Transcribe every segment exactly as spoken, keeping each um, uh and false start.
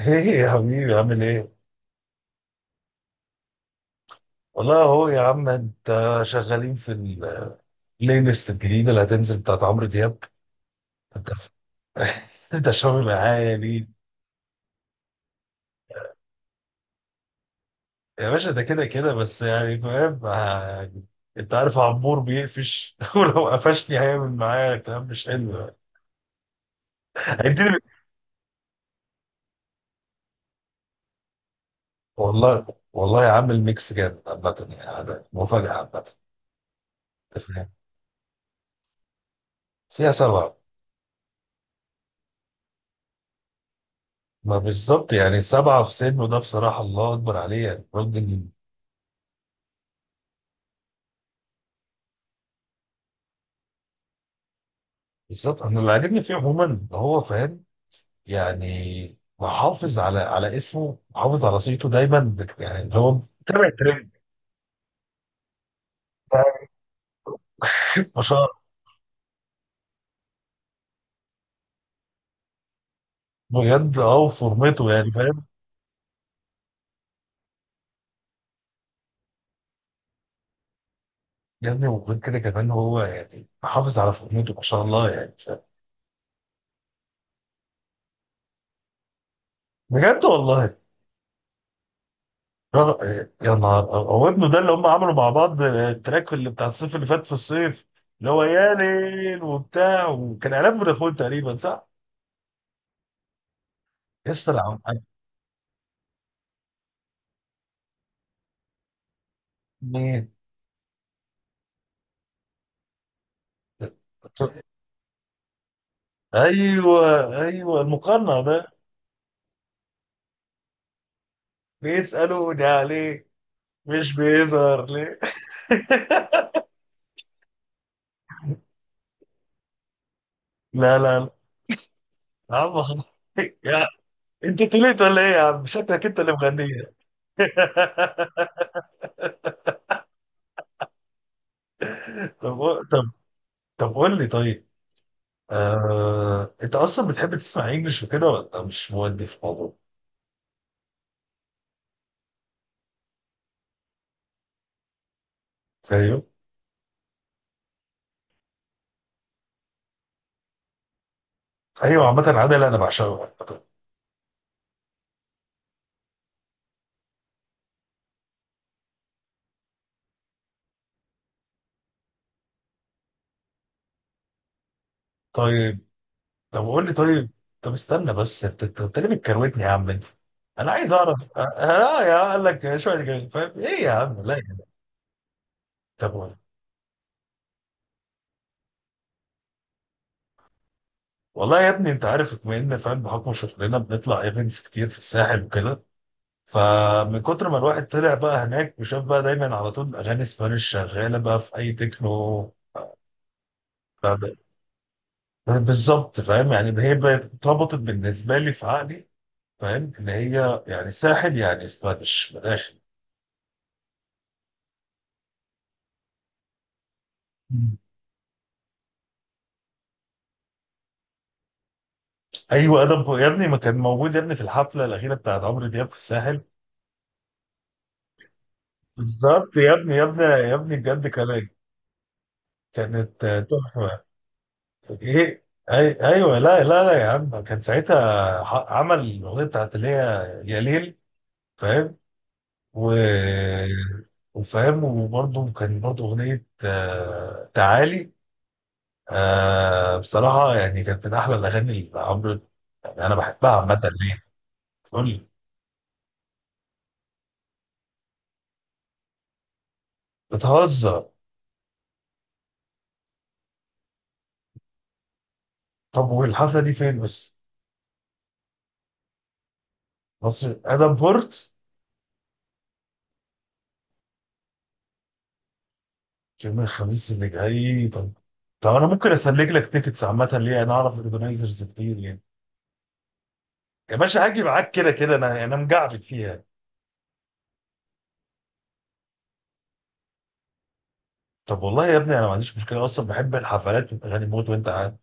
ايه يا حبيبي، عامل ايه؟ والله اهو يا عم انت، شغالين في البلاي ليست الجديدة اللي هتنزل بتاعت عمرو دياب. انت ده شغل عالي. يا باشا ده كده كده، بس يعني فاهم، آه، انت عارف عمور بيقفش ولو قفشني هيعمل معايا كلام مش حلو يعني. هيديني والله. والله يا عم الميكس جامد عامة، يعني ده مفاجأة عامة. انت فاهم، فيها سبعة. ما بالظبط، يعني سبعة في سنه، ده بصراحة الله أكبر عليه يعني الراجل. بالظبط، انا اللي عاجبني فيه عموما ان هو فاهم يعني، محافظ على على اسمه، محافظ على صيته دايما، بت- يعني اللي هو متابع الترند. ما شاء الله. بجد اه، وفورمته يعني فاهم. يا ابني، وغير كده كمان هو يعني محافظ على فورمته، ما شاء الله يعني فاهم. بجد والله. رغ- يا نهار أب- هو ابنه ده اللي هم عملوا مع بعض التراك اللي بتاع الصيف اللي فات، في الصيف اللي هو يا ليل وبتاع، وكان اعلان فودافون تقريبا، صح؟ يسطا العم- مين. ايوه ايوه، المقنع ده. بيسألوني عليه، مش بيظهر ليه. لا لا لا يا عم خلاص. يا، انت طلعت ولا ايه يا عم؟ شكلك انت اللي مغنيه. طب قو- طب، طب قول لي طيب. آه... انت اصلا بتحب تسمع انجلش وكده، ولا مش مودي في الموضوع؟ ايوه ايوه، عامة عادل انا بعشقه عامة. طيب طب قول لي طيب. طب استنى بس، انت انت أنت ليه بتكروتني يا عم انت؟ انا عايز اعرف، أ- لا يا قال لك شويه جاي فاهم ايه يا عم، لا يا عم. طب ولا. والله يا ابني، انت عارف بما ان فاهم، بحكم شغلنا بنطلع ايفنتس كتير في الساحل وكده، فمن كتر ما الواحد طلع بقى هناك وشاف بقى دايما على طول اغاني سبانيش شغاله بقى في اي تكنو. فب- بالظبط فاهم، يعني ده هي بقت اتربطت بالنسبه لي في عقلي، فاهم ان هي يعني ساحل يعني سبانيش من الاخر. ايوه ادم يا ابني ما كان موجود يا ابني في الحفله الاخيره بتاعت عمرو دياب في الساحل. بالظبط يا ابني يا ابني يا ابني، بجد كان. كانت تحفه. ايه أي... ايوه، لا لا لا يا عم كان ساعتها، ح... عمل الاغنيه بتاعت اللي هي يا ليل، فاهم، و وفاهم، وبرضه كان برضه اغنيه، آه، تعالي. آه، بصراحه يعني كانت من احلى الاغاني اللي عمرو، يعني انا بحبها عامه، ليه؟ قول لي. بتهزر؟ طب والحفله دي فين بس؟ بص، ادم بورت. يوم الخميس اللي جاي، طب. طب انا ممكن اسلك لك تيكتس، عامه ليه، انا اعرف اورجنايزرز كتير يعني. يا باشا هاجي معاك كده كده، انا انا مجعبد فيها. طب والله يا ابني، انا ما عنديش مشكله اصلا، بحب الحفلات والاغاني موت. وانت قاعد؟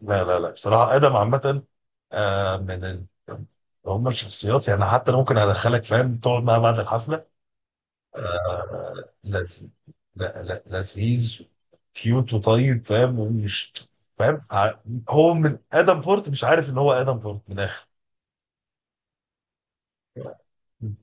لا لا لا، بصراحه ادم عامه. آه من ال... هم الشخصيات يعني، حتى انا ممكن ادخلك فاهم تقعد معاه بعد الحفله. آه، لذيذ. لا لا لذيذ، كيوت وطيب فاهم. ومش فاهم ع- هو من ادم بورت، مش عارف ان هو ادم بورت من الاخر،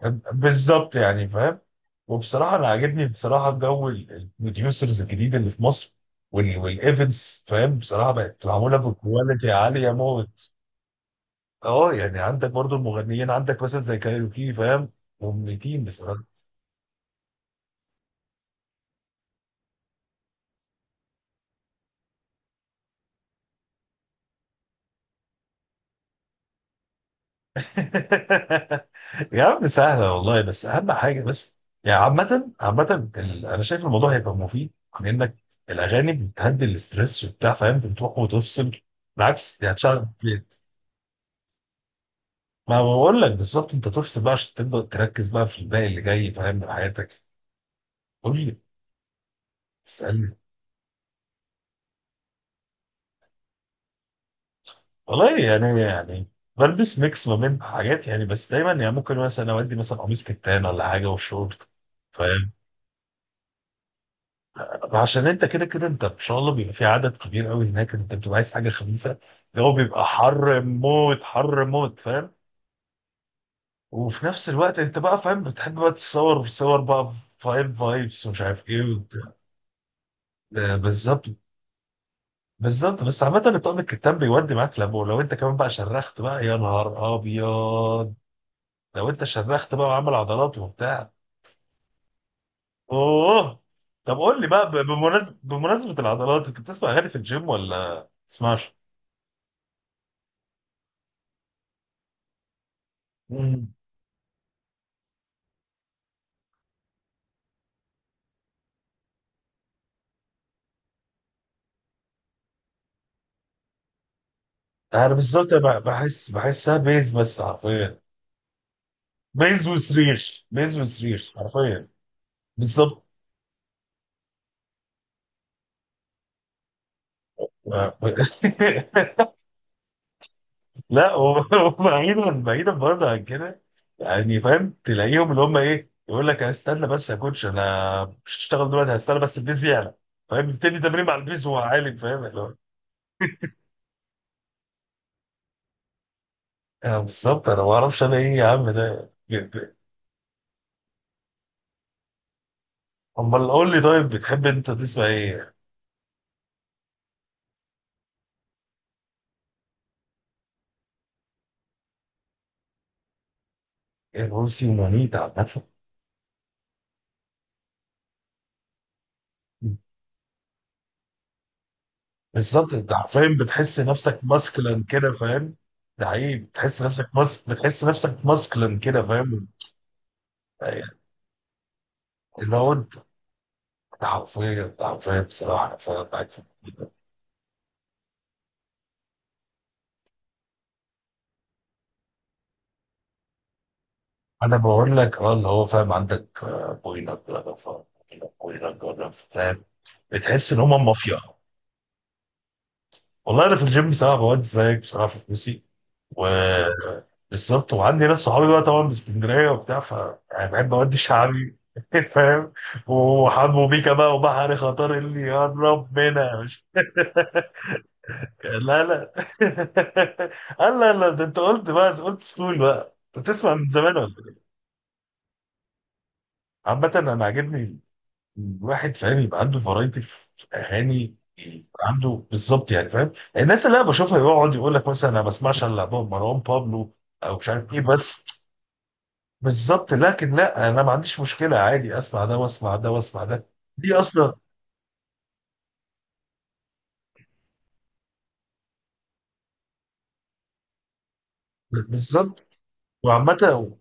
فاهم؟ بالظبط يعني فاهم. وبصراحه انا عاجبني بصراحه جو البروديوسرز الجديد اللي في مصر. وال- والايفنتس فاهم، بصراحه بقت معموله بكواليتي عاليه موت. اه يعني عندك برضو المغنيين، عندك مثلا زي كايروكي فاهم، مميتين بصراحه. يا عم سهلة والله، بس أهم حاجة بس، يعني عامة عامة ال- أنا شايف الموضوع هيبقى مفيد لأنك، الأغاني بتهدي الاسترس وبتاع فاهم، بتروح وتفصل بالعكس، يعني هتشغل. ما بقول لك بالظبط، أنت تفصل بقى عشان تبدأ تركز بقى في الباقي اللي جاي فاهم من حياتك. قول لي. اسألني. والله يعني يعني بلبس ميكس ما بين حاجات يعني، بس دايما يعني ممكن مثلا أودي مثلا قميص كتان ولا حاجة وشورت. فاهم، عشان انت كده كده، انت ان شاء الله بيبقى في عدد كبير قوي هناك، انت بتبقى عايز حاجه خفيفه، اللي هو بيبقى حر موت حر موت فاهم. وفي نفس الوقت انت بقى فاهم بتحب بقى تتصور في صور بقى فايب، فايبس، ومش عارف ايه وبتاع. آه، بالظبط. بالظبط، بس عامة الطقم الكتاب بيودي معاك، لما ولو انت كمان بقى شرخت بقى، يا نهار ابيض لو انت شرخت بقى وعامل عضلات وبتاع. اوه. طب قول لي بقى، بمناسبة بمناسبة العضلات، انت بتسمع اغاني في الجيم ولا تسمعش؟ انا بالظبط ب- بحس بحسها بيز بس حرفيا. بيز وصريخ، بيز وصريخ حرفيا. بالظبط. آه، ب- لا و- وبعيدا بعيدا برضه عن كده. يعني فاهم تلاقيهم اللي هم ايه، يقول لك هستنى بس يا كوتش انا مش هشتغل دلوقتي، هستنى بس البيز يعلى. فاهم، بيبتدي تمرين مع البيز وهو عالي فاهم اللي هو. انا بالظبط انا ما اعرفش انا ايه يا عم ده. امال قول لي طيب، بتحب انت تسمع ايه؟ الروسي ومانيتا عامة. بالظبط، انت حرفيا بتحس نفسك ماسكلن كده، فاهم. ده حقيقي، بتحس نفسك ماسك بتحس نفسك ماسكلن كده فاهم. يعني اللي هو انت، أنت حرفيا انت حرفيا بصراحه انا فاهم معاك في- انا بقول لك اه، اللي هو فاهم، عندك آه، بوينك جرب، آه، بوينك بوينك جرب فاهم، بتحس ان هم مافيا. والله انا في الجيم بصراحه بودي زيك بصراحه، في فلوسي، و بالظبط. وعندي ناس صحابي بقى طبعا من اسكندريه وبتاع، ف يعني بحب اودي شعبي فاهم، وحمو بيكا بقى وبحر خطر، اللي يقرب منها مش، لا لا. قال لا لا، ده انت قلت بقى، قلت سكول بقى، انت تسمع من زمان ولا إيه؟ عامة انا عاجبني الواحد فاهم يبقى عنده فرايتي في اغاني، يبقى عنده بالظبط، يعني فاهم الناس اللي انا بشوفها يقعد يقول لك مثلا، انا ما بسمعش الا باب- مروان بابلو، او مش عارف ايه بس. بالظبط، لكن لا انا ما عنديش مشكله، عادي اسمع ده واسمع ده واسمع ده. دي اصلا بالظبط. وعامه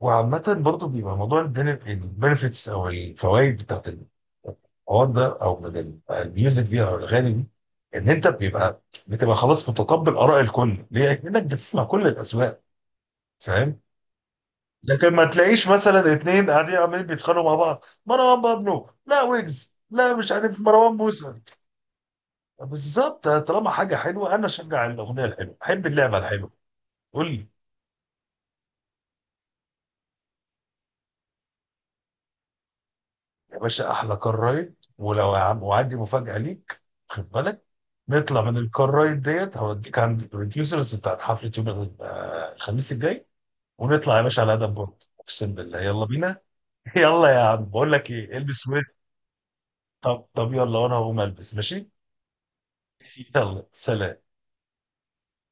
وعامه برضو بيبقى موضوع البنفيتس او الفوائد بتاعت الحوار ده، او من الميوزك دي او الاغاني دي، ان انت بيبقى بتبقى خلاص متقبل اراء الكل. ليه؟ لانك بتسمع كل الاذواق، فاهم؟ لكن ما تلاقيش مثلا اتنين قاعدين عمالين بيتخانقوا مع بعض، مروان بابلو لا، ويجز لا، مش عارف مروان موسى. بالظبط طالما حاجه حلوه، انا اشجع الاغنيه الحلوه، احب اللعبه الحلوه. قول لي. يا باشا احلى كار رايد، ولو يا عم وعندي مفاجاه ليك. خد بالك، نطلع من الكار رايد ديت هوديك عند البروديوسرز بتاعت حفله يوم ال- آه، الخميس الجاي، ونطلع يا باشا على ادم بورد، اقسم بالله يلا بينا. يلا يا عم بقول لك ايه، البس ويت. طب طب يلا، وانا هقوم البس ماشي. يلا سلام.